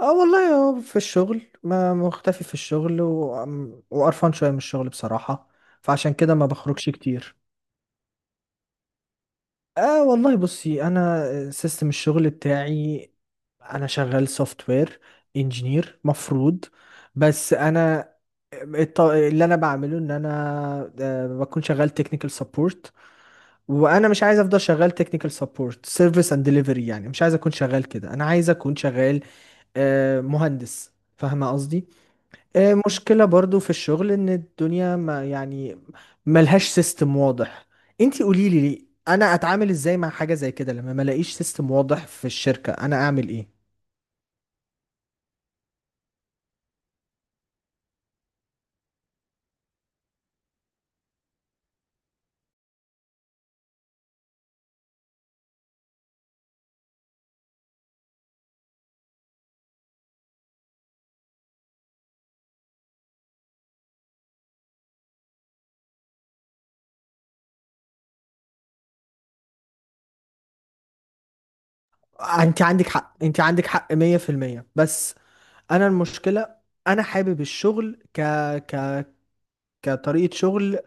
اه، والله هو في الشغل، ما مختفي. في الشغل وقرفان شوية من الشغل بصراحة. فعشان كده ما بخرجش كتير. اه، والله بصي، انا سيستم الشغل بتاعي، انا شغال سوفت وير انجينير مفروض. بس انا اللي انا بعمله ان انا بكون شغال تكنيكال سبورت. وانا مش عايز افضل شغال تكنيكال سبورت سيرفيس اند ديليفري، يعني مش عايز اكون شغال كده، انا عايز اكون شغال مهندس. فاهمه قصدي؟ مشكلة برضو في الشغل ان الدنيا، ما يعني، ملهاش سيستم واضح. انتي قوليلي، لي انا اتعامل ازاي مع حاجة زي كده؟ لما ملاقيش سيستم واضح في الشركة انا اعمل ايه؟ انتي عندك حق، انتي عندك حق 100%. بس انا المشكلة، انا حابب الشغل ك ك كطريقة شغل.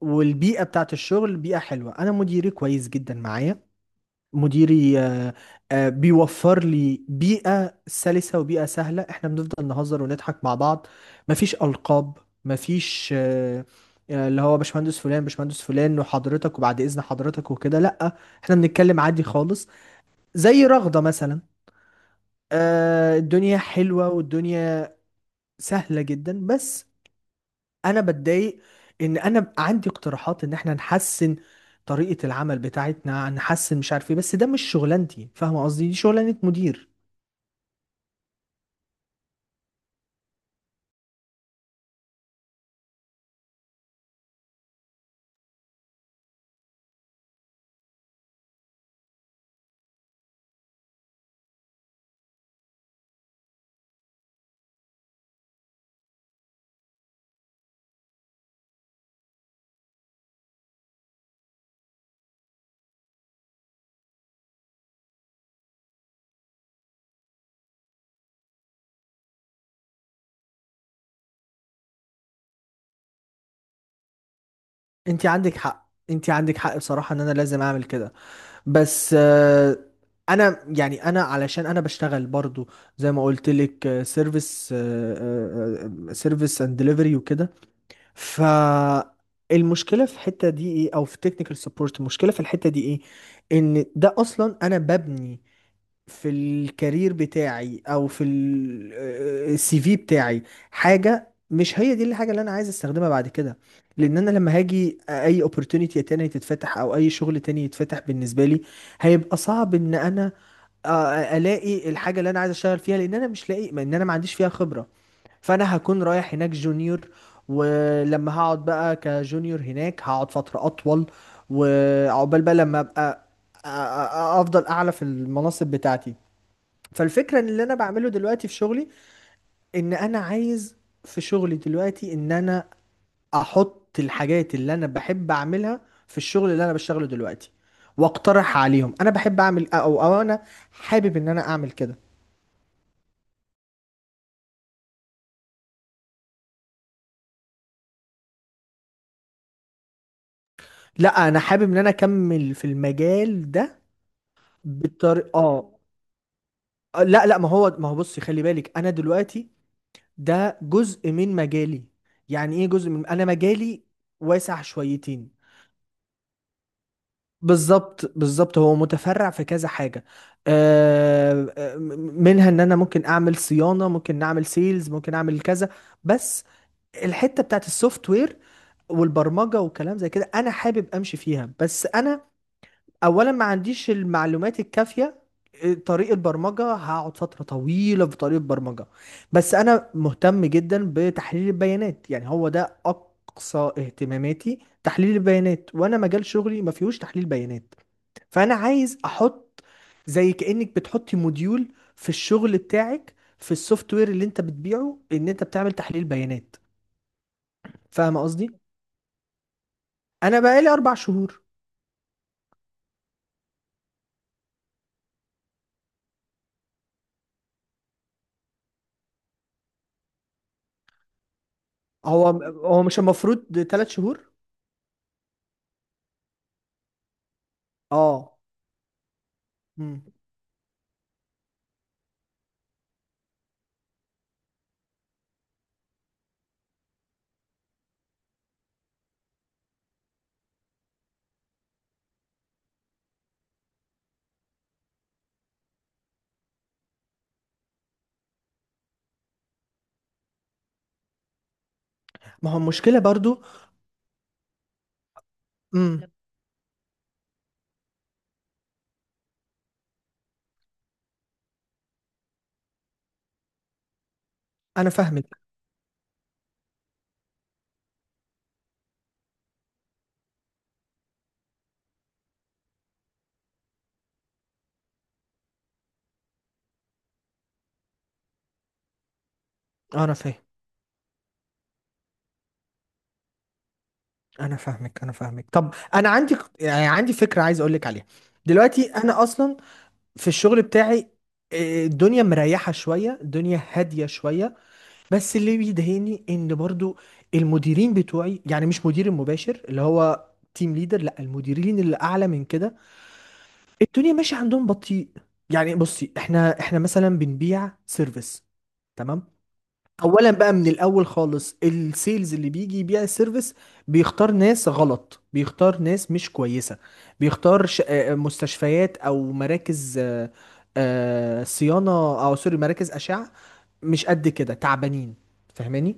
والبيئة بتاعت الشغل بيئة حلوة، انا مديري كويس جدا معايا. مديري بيوفر لي بيئة سلسة وبيئة سهلة. احنا بنفضل نهزر ونضحك مع بعض. مفيش ألقاب، مفيش اللي هو باشمهندس فلان، باشمهندس فلان، وحضرتك وبعد إذن حضرتك وكده. لأ، احنا بنتكلم عادي خالص، زي رغدة مثلا. الدنيا حلوة، والدنيا سهلة جدا. بس أنا بتضايق إن أنا عندي اقتراحات إن احنا نحسن طريقة العمل بتاعتنا، نحسن مش عارف ايه. بس ده مش شغلانتي، فاهمة قصدي؟ دي شغلانة مدير. انت عندك حق، انت عندك حق بصراحة ان انا لازم اعمل كده. بس انا، يعني انا علشان انا بشتغل برضو، زي ما قلت لك، سيرفيس اند ديليفري وكده. فالمشكلة في الحتة دي ايه، او في تكنيكال سبورت المشكلة في الحتة دي ايه؟ ان ده اصلا انا ببني في الكارير بتاعي او في السي في بتاعي حاجه مش هي دي الحاجه اللي انا عايز استخدمها بعد كده. لان انا لما هاجي اي opportunity تاني تتفتح، او اي شغل تاني يتفتح بالنسبه لي، هيبقى صعب ان انا الاقي الحاجه اللي انا عايز اشتغل فيها، لان انا مش لاقي، ما ان انا ما عنديش فيها خبره. فانا هكون رايح هناك جونيور، ولما هقعد بقى كجونيور هناك هقعد فتره اطول. وعقبال بقى لما ابقى أ- أ- افضل اعلى في المناصب بتاعتي. فالفكرة ان اللي انا بعمله دلوقتي في شغلي، ان انا عايز في شغلي دلوقتي ان انا احط الحاجات اللي انا بحب اعملها في الشغل اللي انا بشتغله دلوقتي، واقترح عليهم انا بحب اعمل او انا حابب ان انا اعمل كده. لا، انا حابب ان انا اكمل في المجال ده بالطريقة، اه. لا لا، ما هو، بصي، خلي بالك، انا دلوقتي ده جزء من مجالي. يعني ايه جزء من، انا مجالي واسع شويتين. بالظبط، بالظبط، هو متفرع في كذا حاجة. آه، آه، منها ان انا ممكن اعمل صيانة، ممكن نعمل سيلز، ممكن اعمل كذا. بس الحتة بتاعت السوفت وير والبرمجة والكلام زي كده، انا حابب امشي فيها. بس انا اولا ما عنديش المعلومات الكافية. طريق البرمجة هقعد فترة طويلة في طريق البرمجة. بس انا مهتم جدا بتحليل البيانات، يعني هو ده اقصى اهتماماتي، تحليل البيانات. وانا مجال شغلي ما فيهوش تحليل بيانات. فانا عايز احط، زي كأنك بتحطي موديول في الشغل بتاعك، في السوفت وير اللي انت بتبيعه، ان انت بتعمل تحليل بيانات. فاهم قصدي؟ انا بقالي 4 شهور. هو هو مش المفروض 3 شهور؟ اه. مم. ما هو المشكله برضو. امم. انا فاهمك. انا فاهم. انا فاهمك، انا فاهمك. طب انا عندي، يعني عندي فكره عايز اقول لك عليها. دلوقتي انا اصلا في الشغل بتاعي، الدنيا مريحه شويه، الدنيا هاديه شويه. بس اللي بيضايقني ان برضو المديرين بتوعي، يعني مش مدير المباشر اللي هو تيم ليدر، لا، المديرين اللي اعلى من كده، الدنيا ماشيه عندهم بطيء. يعني بصي، احنا مثلا بنبيع سيرفيس، تمام. اولا بقى من الاول خالص، السيلز اللي بيجي يبيع السيرفيس بيختار ناس غلط، بيختار ناس مش كويسه، بيختار مستشفيات او مراكز صيانه، او سوري، مراكز اشعه مش قد كده تعبانين، فاهماني؟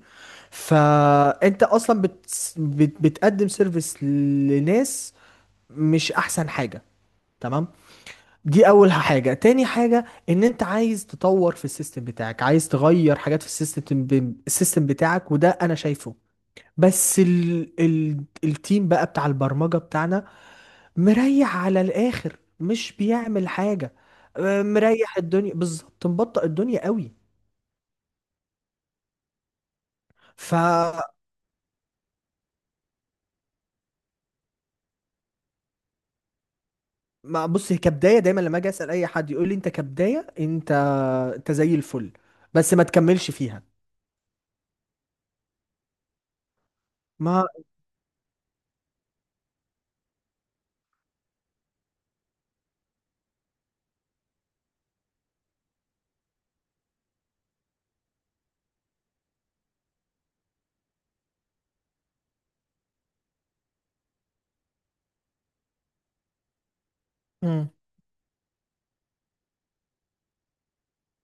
فانت اصلا بتقدم سيرفيس لناس مش احسن حاجة، تمام. دي اول حاجة. تاني حاجة ان انت عايز تطور في السيستم بتاعك، عايز تغير حاجات في السيستم السيستم بتاعك، وده انا شايفه. بس التيم بقى بتاع البرمجة بتاعنا مريح على الاخر، مش بيعمل حاجة. مريح الدنيا بالظبط، مبطئ الدنيا قوي. ف ما بص، هي كبدايه دايما، لما اجي اسال اي حد يقول لي انت كبدايه انت زي الفل، بس ما تكملش فيها. ما مم.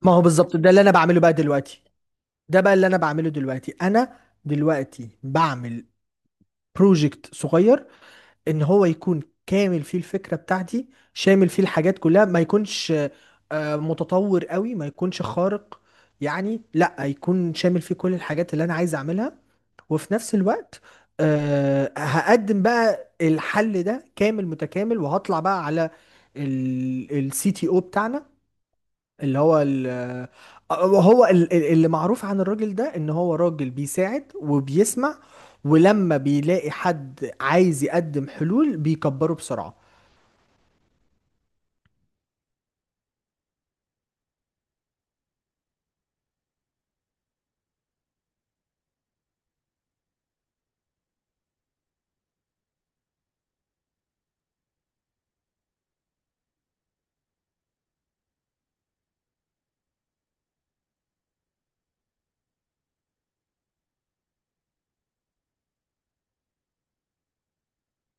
ما هو بالظبط ده اللي انا بعمله بقى دلوقتي. ده بقى اللي انا بعمله دلوقتي، انا دلوقتي بعمل بروجكت صغير، ان هو يكون كامل فيه الفكره بتاعتي، شامل فيه الحاجات كلها، ما يكونش متطور قوي، ما يكونش خارق. يعني لا يكون شامل فيه كل الحاجات اللي انا عايز اعملها. وفي نفس الوقت هقدم بقى الحل ده كامل متكامل. وهطلع بقى على السي تي او بتاعنا، اللي هو وهو اللي معروف عن الراجل ده ان هو راجل بيساعد وبيسمع، ولما بيلاقي حد عايز يقدم حلول بيكبره بسرعة.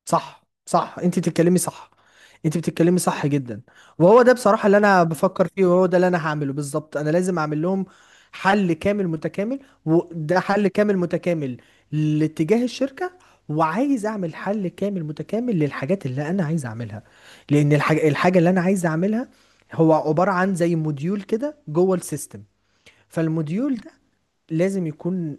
صح، صح، انت بتتكلمي صح، انت بتتكلمي صح جدا. وهو ده بصراحة اللي انا بفكر فيه، وهو ده اللي انا هعمله بالظبط، انا لازم اعمل لهم حل كامل متكامل. وده حل كامل متكامل لاتجاه الشركة، وعايز اعمل حل كامل متكامل للحاجات اللي انا عايز اعملها. لان الحاجة اللي انا عايز اعملها هو عبارة عن زي موديول كده جوه السيستم. فالموديول ده لازم يكون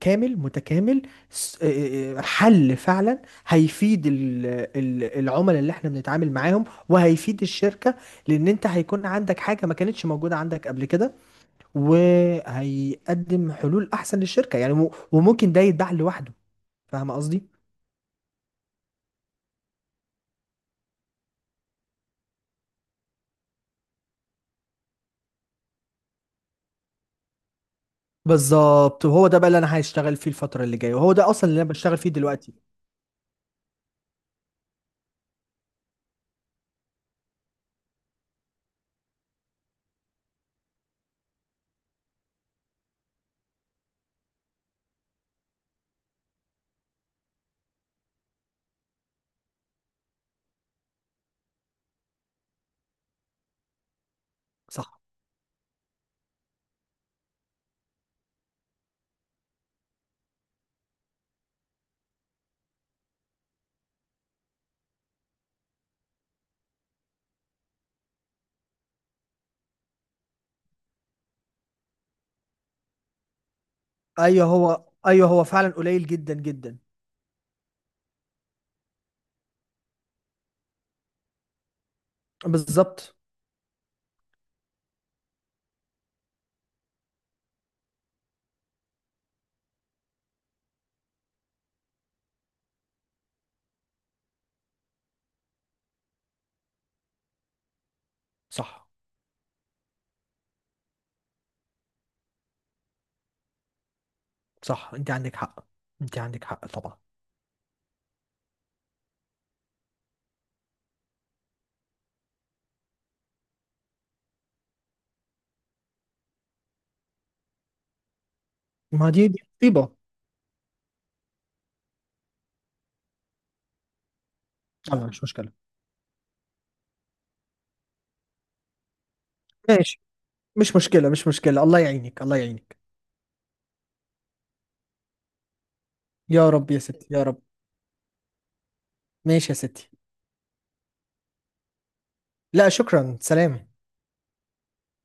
كامل متكامل، حل فعلا هيفيد العملاء اللي احنا بنتعامل معاهم، وهيفيد الشركة. لان انت هيكون عندك حاجة ما كانتش موجودة عندك قبل كده، وهيقدم حلول احسن للشركة. يعني وممكن ده يتباع لوحده، فاهم قصدي؟ بالظبط، وهو ده بقى اللي انا هشتغل فيه الفترة اللي جاية، وهو ده اصلا اللي انا بشتغل فيه دلوقتي. صح. ايوه، هو فعلا قليل جدا جدا. بالظبط. صح، صح، انت عندك حق، انت عندك حق طبعا. ما دي مصيبة. يلا، مش مشكلة. ماشي، مش مشكلة، مش مشكلة. الله يعينك، الله يعينك. يا رب يا ستي، يا رب. ماشي يا ستي. لا، شكرا، سلام.